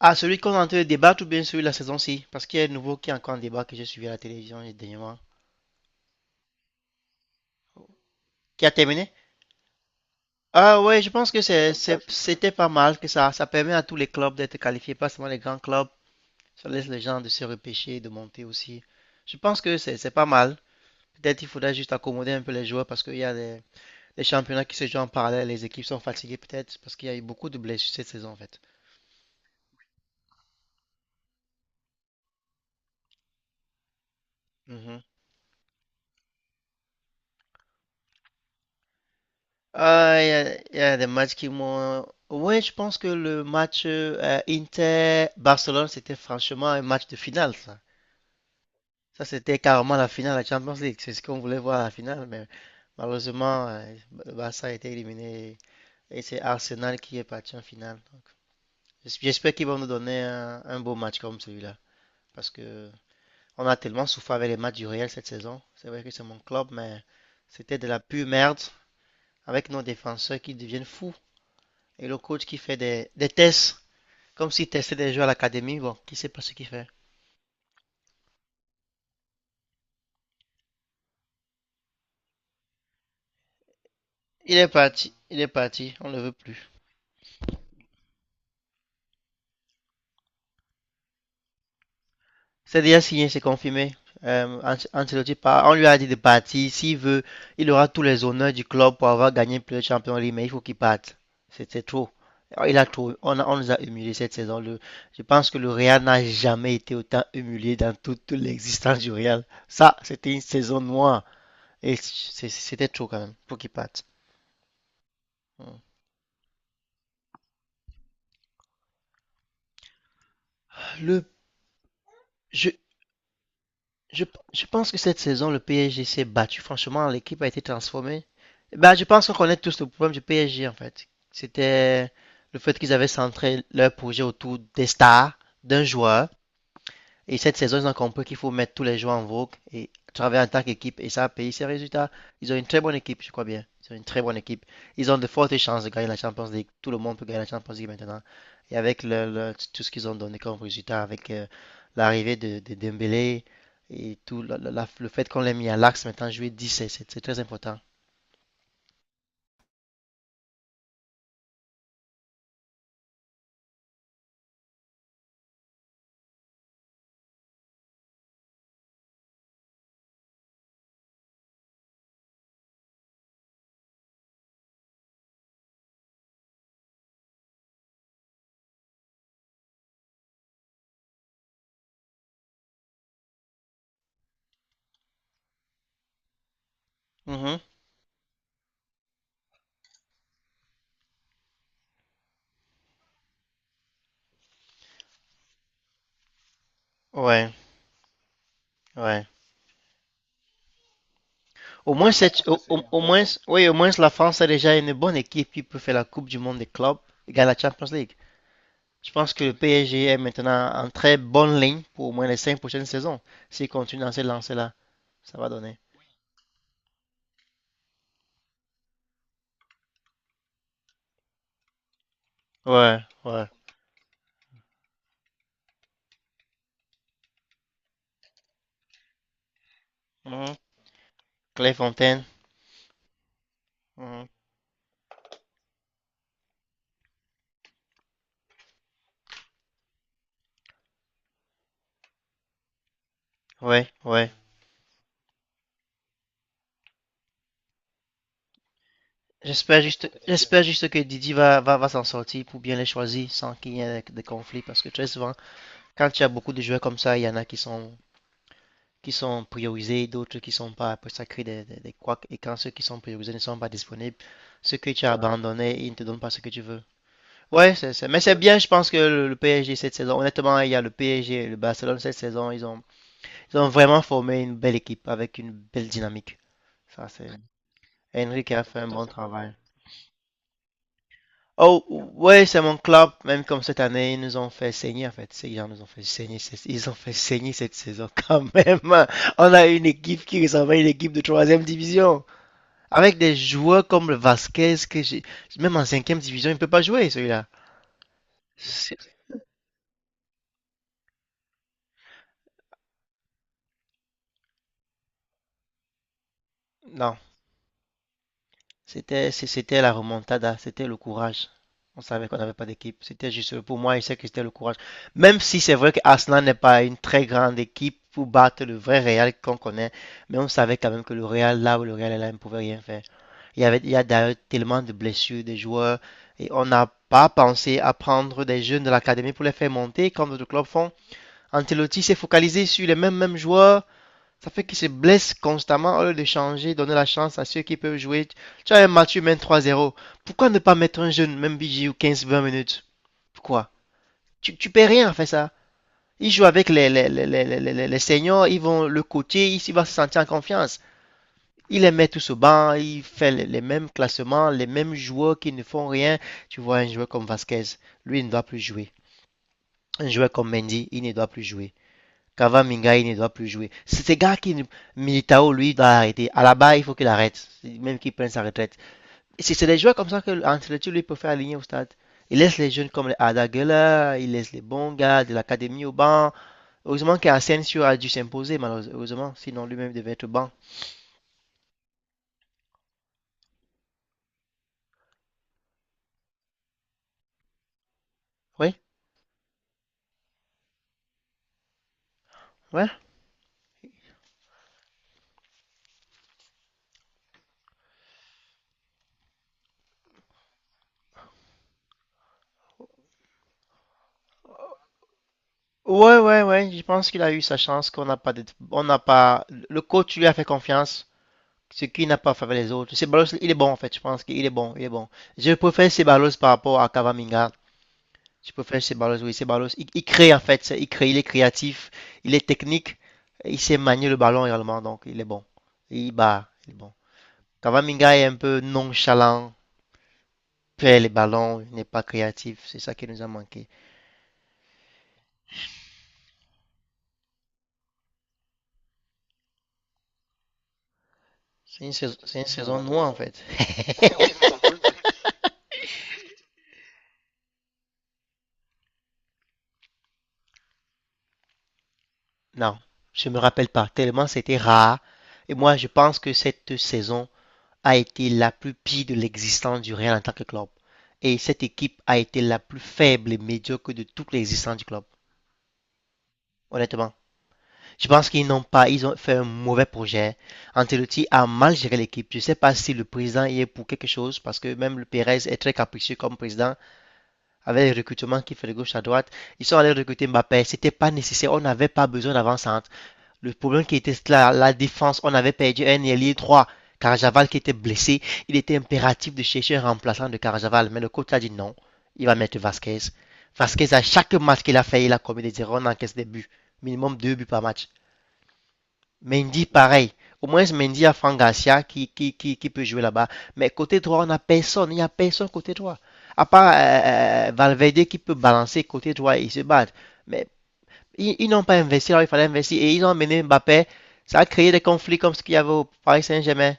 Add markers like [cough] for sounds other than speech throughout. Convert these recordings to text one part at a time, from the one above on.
Ah, celui qu'on est en train de débattre ou bien celui de la saison-ci? Parce qu'il y a un nouveau qui est encore en débat que j'ai suivi à la télévision dernièrement. Qui a terminé? Ah ouais, je pense que c'était pas mal, que ça permet à tous les clubs d'être qualifiés, pas seulement les grands clubs. Ça laisse les gens de se repêcher, de monter aussi. Je pense que c'est pas mal. Peut-être il faudrait juste accommoder un peu les joueurs parce qu'il y a des championnats qui se jouent en parallèle, les équipes sont fatiguées peut-être parce qu'il y a eu beaucoup de blessures cette saison en fait. Mhm. Ah, il y a des matchs qui m'ont. Oui, je pense que le match Inter-Barcelone, c'était franchement un match de finale, ça. Ça, c'était carrément la finale de la Champions League. C'est ce qu'on voulait voir à la finale, mais malheureusement, le Barça a été éliminé et c'est Arsenal qui est parti en finale. Donc, j'espère qu'ils vont nous donner un beau match comme celui-là, parce que on a tellement souffert avec les matchs du Real cette saison. C'est vrai que c'est mon club, mais c'était de la pure merde avec nos défenseurs qui deviennent fous. Et le coach qui fait des tests, comme s'il testait des joueurs à l'académie, bon, qui sait pas ce qu'il fait. Il est parti, on ne le veut plus. C'est déjà signé, c'est confirmé. Euh, Ancelotti part, on lui a dit de partir. S'il veut, il aura tous les honneurs du club pour avoir gagné plus de Champions League, mais il faut qu'il parte. C'était trop. Il a trop. On nous a humiliés cette saison. Je pense que le Real n'a jamais été autant humilié dans toute l'existence du Real. Ça, c'était une saison noire. Et c'était trop quand même. Faut qu'il parte. Le, je, Je, je pense que cette saison, le PSG s'est battu. Franchement, l'équipe a été transformée. Bah, je pense qu'on connaît tous le problème du PSG, en fait. C'était le fait qu'ils avaient centré leur projet autour des stars, d'un joueur, et cette saison, ils ont compris qu'il faut mettre tous les joueurs en vogue et travailler en tant qu'équipe. Et ça a payé ses résultats. Ils ont une très bonne équipe, je crois bien. Ils ont une très bonne équipe. Ils ont de fortes chances de gagner la Champions League. Tout le monde peut gagner la Champions League maintenant. Et avec tout ce qu'ils ont donné comme résultat, avec l'arrivée de Dembélé et tout, le fait qu'on l'ait mis à l'axe maintenant, jouer 10, très important. Mhm. Ouais, ouais. Au moins, oui, au moins la France a déjà une bonne équipe qui peut faire la Coupe du Monde des clubs et gagner la Champions League. Je pense que le PSG est maintenant en très bonne ligne pour au moins les 5 prochaines saisons. S'il continue dans cette lancée-là, ça va donner. Ouais, ouais. Mhm. Clairefontaine. Mhm. Ouais, ouais. J'espère juste que Didi va s'en sortir pour bien les choisir sans qu'il y ait de conflits. Parce que très souvent, quand il y a beaucoup de joueurs comme ça, il y en a qui sont priorisés, d'autres qui sont pas. Après, ça crée des couacs. Et quand ceux qui sont priorisés ne sont pas disponibles, ceux que tu as abandonnés, ils ne te donnent pas ce que tu veux. Ouais, mais c'est bien, je pense que le PSG cette saison, honnêtement, il y a le PSG et le Barcelone cette saison, ils ont vraiment formé une belle équipe avec une belle dynamique. Ça, c'est Henry qui a fait un bon travail. Oh, ouais, c'est mon club, même comme cette année, ils nous ont fait saigner, en fait. Ces gens nous ont fait saigner, ils ont fait saigner cette saison quand même. [laughs] On a une équipe qui ressemble à une équipe de troisième division. Avec des joueurs comme le Vasquez, que j'ai, même en cinquième division, il ne peut pas jouer, celui-là. C'est- Non. C'était la remontada, c'était le courage. On savait qu'on n'avait pas d'équipe. C'était juste, pour moi, il sais que c'était le courage. Même si c'est vrai que Arsenal n'est pas une très grande équipe pour battre le vrai Real qu'on connaît, mais on savait quand même que le Real, là où le Real est là, il ne pouvait rien faire. Il y a d'ailleurs tellement de blessures des joueurs et on n'a pas pensé à prendre des jeunes de l'académie pour les faire monter comme d'autres clubs font. Ancelotti s'est focalisé sur les mêmes joueurs. Ça fait qu'ils se blessent constamment au lieu de changer, donner la chance à ceux qui peuvent jouer. Tu as un match, tu mènes 3-0. Pourquoi ne pas mettre un jeune, même BG ou 15-20 minutes? Pourquoi? Tu peux rien faire ça. Il joue avec les seniors, ils vont le coacher, il va se sentir en confiance. Il les met tous au banc, il fait les mêmes classements, les mêmes joueurs qui ne font rien. Tu vois un joueur comme Vasquez, lui il ne doit plus jouer. Un joueur comme Mendy, il ne doit plus jouer. Mingai ne doit plus jouer. C'est ce gars qui, Militao, lui, doit arrêter. À la barre, il faut qu'il arrête, même qu'il prenne sa retraite. C'est des joueurs comme ça que Ancelotti, lui, peut faire aligner au stade. Il laisse les jeunes comme les Adagela, il laisse les bons gars de l'académie au banc. Heureusement qu'Asensio a dû s'imposer, malheureusement, sinon lui-même devait être banc. Oui, ouais. Ouais, ouais, ouais, je pense qu'il a eu sa chance, qu'on n'a pas, le coach lui a fait confiance, ce qui n'a pas fait les autres. Ceballos, il est bon en fait. Je pense qu'il est bon. Il est bon. Je préfère Ceballos par rapport à Cavaminga. Je préfère Ceballos. Oui, Ceballos. Il crée en fait. Il crée. Il est créatif. Il est technique. Il sait manier le ballon également. Donc, il est bon. Il bat. Il est bon. Cavaminga est un peu nonchalant. Perd les ballons. Il n'est pas créatif. C'est ça qui nous a manqué. C'est une saison noire en fait. [laughs] Non, je me rappelle pas, tellement c'était rare. Et moi, je pense que cette saison, a été la plus pire de l'existence du Real en tant que club. Et cette équipe a été la plus faible et médiocre de toute l'existence du club. Honnêtement, je pense qu'ils n'ont pas, ils ont fait un mauvais projet. Ancelotti a mal géré l'équipe. Je ne sais pas si le président y est pour quelque chose, parce que même le Pérez est très capricieux comme président, avec les recrutements qu'il fait de gauche à droite. Ils sont allés recruter Mbappé, c'était pas nécessaire, on n'avait pas besoin d'avant-centre. Le problème qui était la défense, on avait perdu un ailier droit Carajaval qui était blessé. Il était impératif de chercher un remplaçant de Carajaval, mais le coach a dit non, il va mettre Vasquez. Vasquez, à chaque match qu'il a fait, il a commis des erreurs, on encaisse des buts. Minimum deux buts par match. Mendy, pareil. Au moins, Mendy a Franck Garcia qui peut jouer là-bas. Mais côté droit, on n'a personne. Il n'y a personne côté droit. À part Valverde qui peut balancer côté droit et se battre. Mais ils n'ont pas investi, alors il fallait investir. Et ils ont amené Mbappé. Ça a créé des conflits comme ce qu'il y avait au Paris Saint-Germain.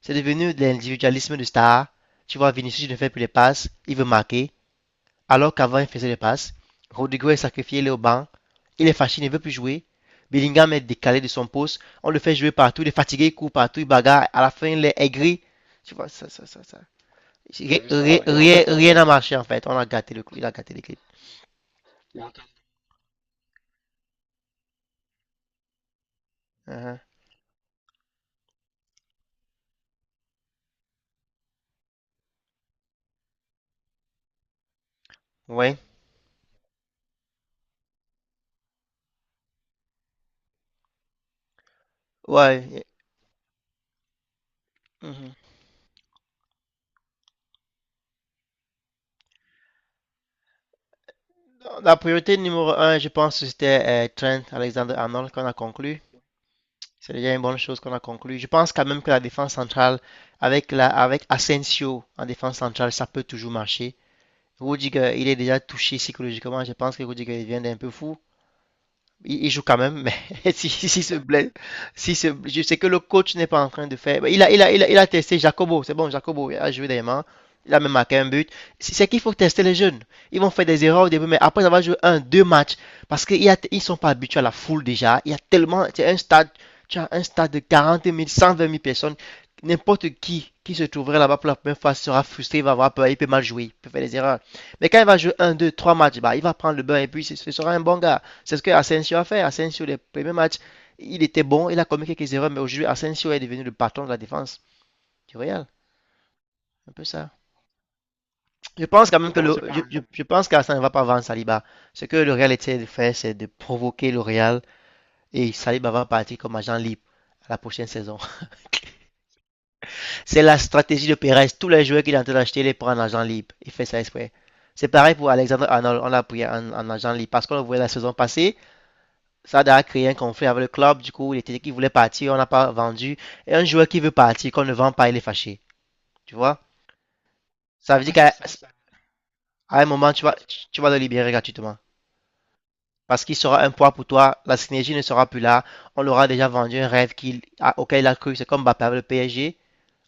C'est devenu de l'individualisme de star. Tu vois, Vinicius ne fait plus les passes. Il veut marquer. Alors qu'avant, il faisait les passes. Rodrigo est sacrifié, il est au banc. Il est fâché, il ne veut plus jouer. Bellingham est décalé de son poste. On le fait jouer partout. Il est fatigué, il court partout, il bagarre. À la fin, il est aigri. Tu vois, ça. Rien n'a marché en fait. On a gâté le clip. Il a gâté l'équipe. Uh-huh. Ouais. Ouais. Mhm. La priorité numéro un, je pense que c'était Trent Alexander-Arnold qu'on a conclu. C'est déjà une bonne chose qu'on a conclu. Je pense quand même que la défense centrale, avec Asensio en défense centrale, ça peut toujours marcher. Rudiger, il est déjà touché psychologiquement. Je pense que Rudiger il vient d'un peu fou. Il joue quand même, mais [laughs] si se blesse, si se, je sais que le coach n'est pas en train de faire. Il a testé Jacobo, c'est bon, Jacobo il a joué des mains, il a même marqué un but. Si, c'est qu'il faut tester les jeunes. Ils vont faire des erreurs au début, mais après avoir joué un, deux matchs, parce qu'ils ne sont pas habitués à la foule déjà. Il y a tellement, c'est un stade, tu as un stade de 40 000 120 000 personnes. N'importe qui se trouverait là-bas pour la première fois sera frustré, il va avoir peur, il peut mal jouer, il peut faire des erreurs. Mais quand il va jouer un, deux, trois matchs, bah, il va prendre le bain et puis ce sera un bon gars. C'est ce que Asensio a fait. Asensio, les premiers matchs, il était bon, il a commis quelques erreurs, mais aujourd'hui, Asensio est devenu le patron de la défense du Real. Un peu ça. Je pense quand même que je pense qu'Arsène ne va pas vendre Saliba. Ce que le Real essaie de faire, c'est de provoquer le Real et Saliba va partir comme agent libre à la prochaine saison. [laughs] C'est la stratégie de Perez. Tous les joueurs qu'il est en train d'acheter, il les prend en agent libre. Il fait ça exprès. C'est pareil pour Alexandre Arnold. On l'a pris en agent libre parce qu'on le voyait la saison passée. Ça a créé un conflit avec le club. Du coup, il était qu'il voulait partir, on n'a pas vendu. Et un joueur qui veut partir, qu'on ne vend pas, il est fâché. Tu vois? Ça veut dire qu'à à un moment, tu vas le libérer gratuitement. Parce qu'il sera un poids pour toi, la synergie ne sera plus là. On l'aura déjà vendu un rêve auquel il a cru. C'est comme Mbappé avec le PSG.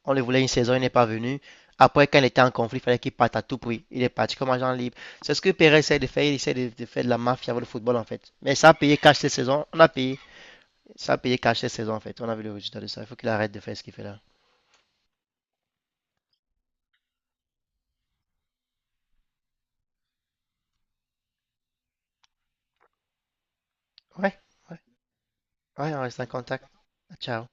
On le voulait une saison, il n'est pas venu. Après, quand il était en conflit, il fallait qu'il parte à tout prix. Il est parti comme agent libre. C'est ce que Pérez essaie de faire. Il essaie de faire de la mafia avec le football, en fait. Mais ça a payé cash cette saison. On a payé. Ça a payé cash cette saison en fait. On a vu le résultat de ça. Il faut qu'il arrête de faire ce qu'il fait là. Ouais, ouais. Ouais, on reste en contact. Ciao.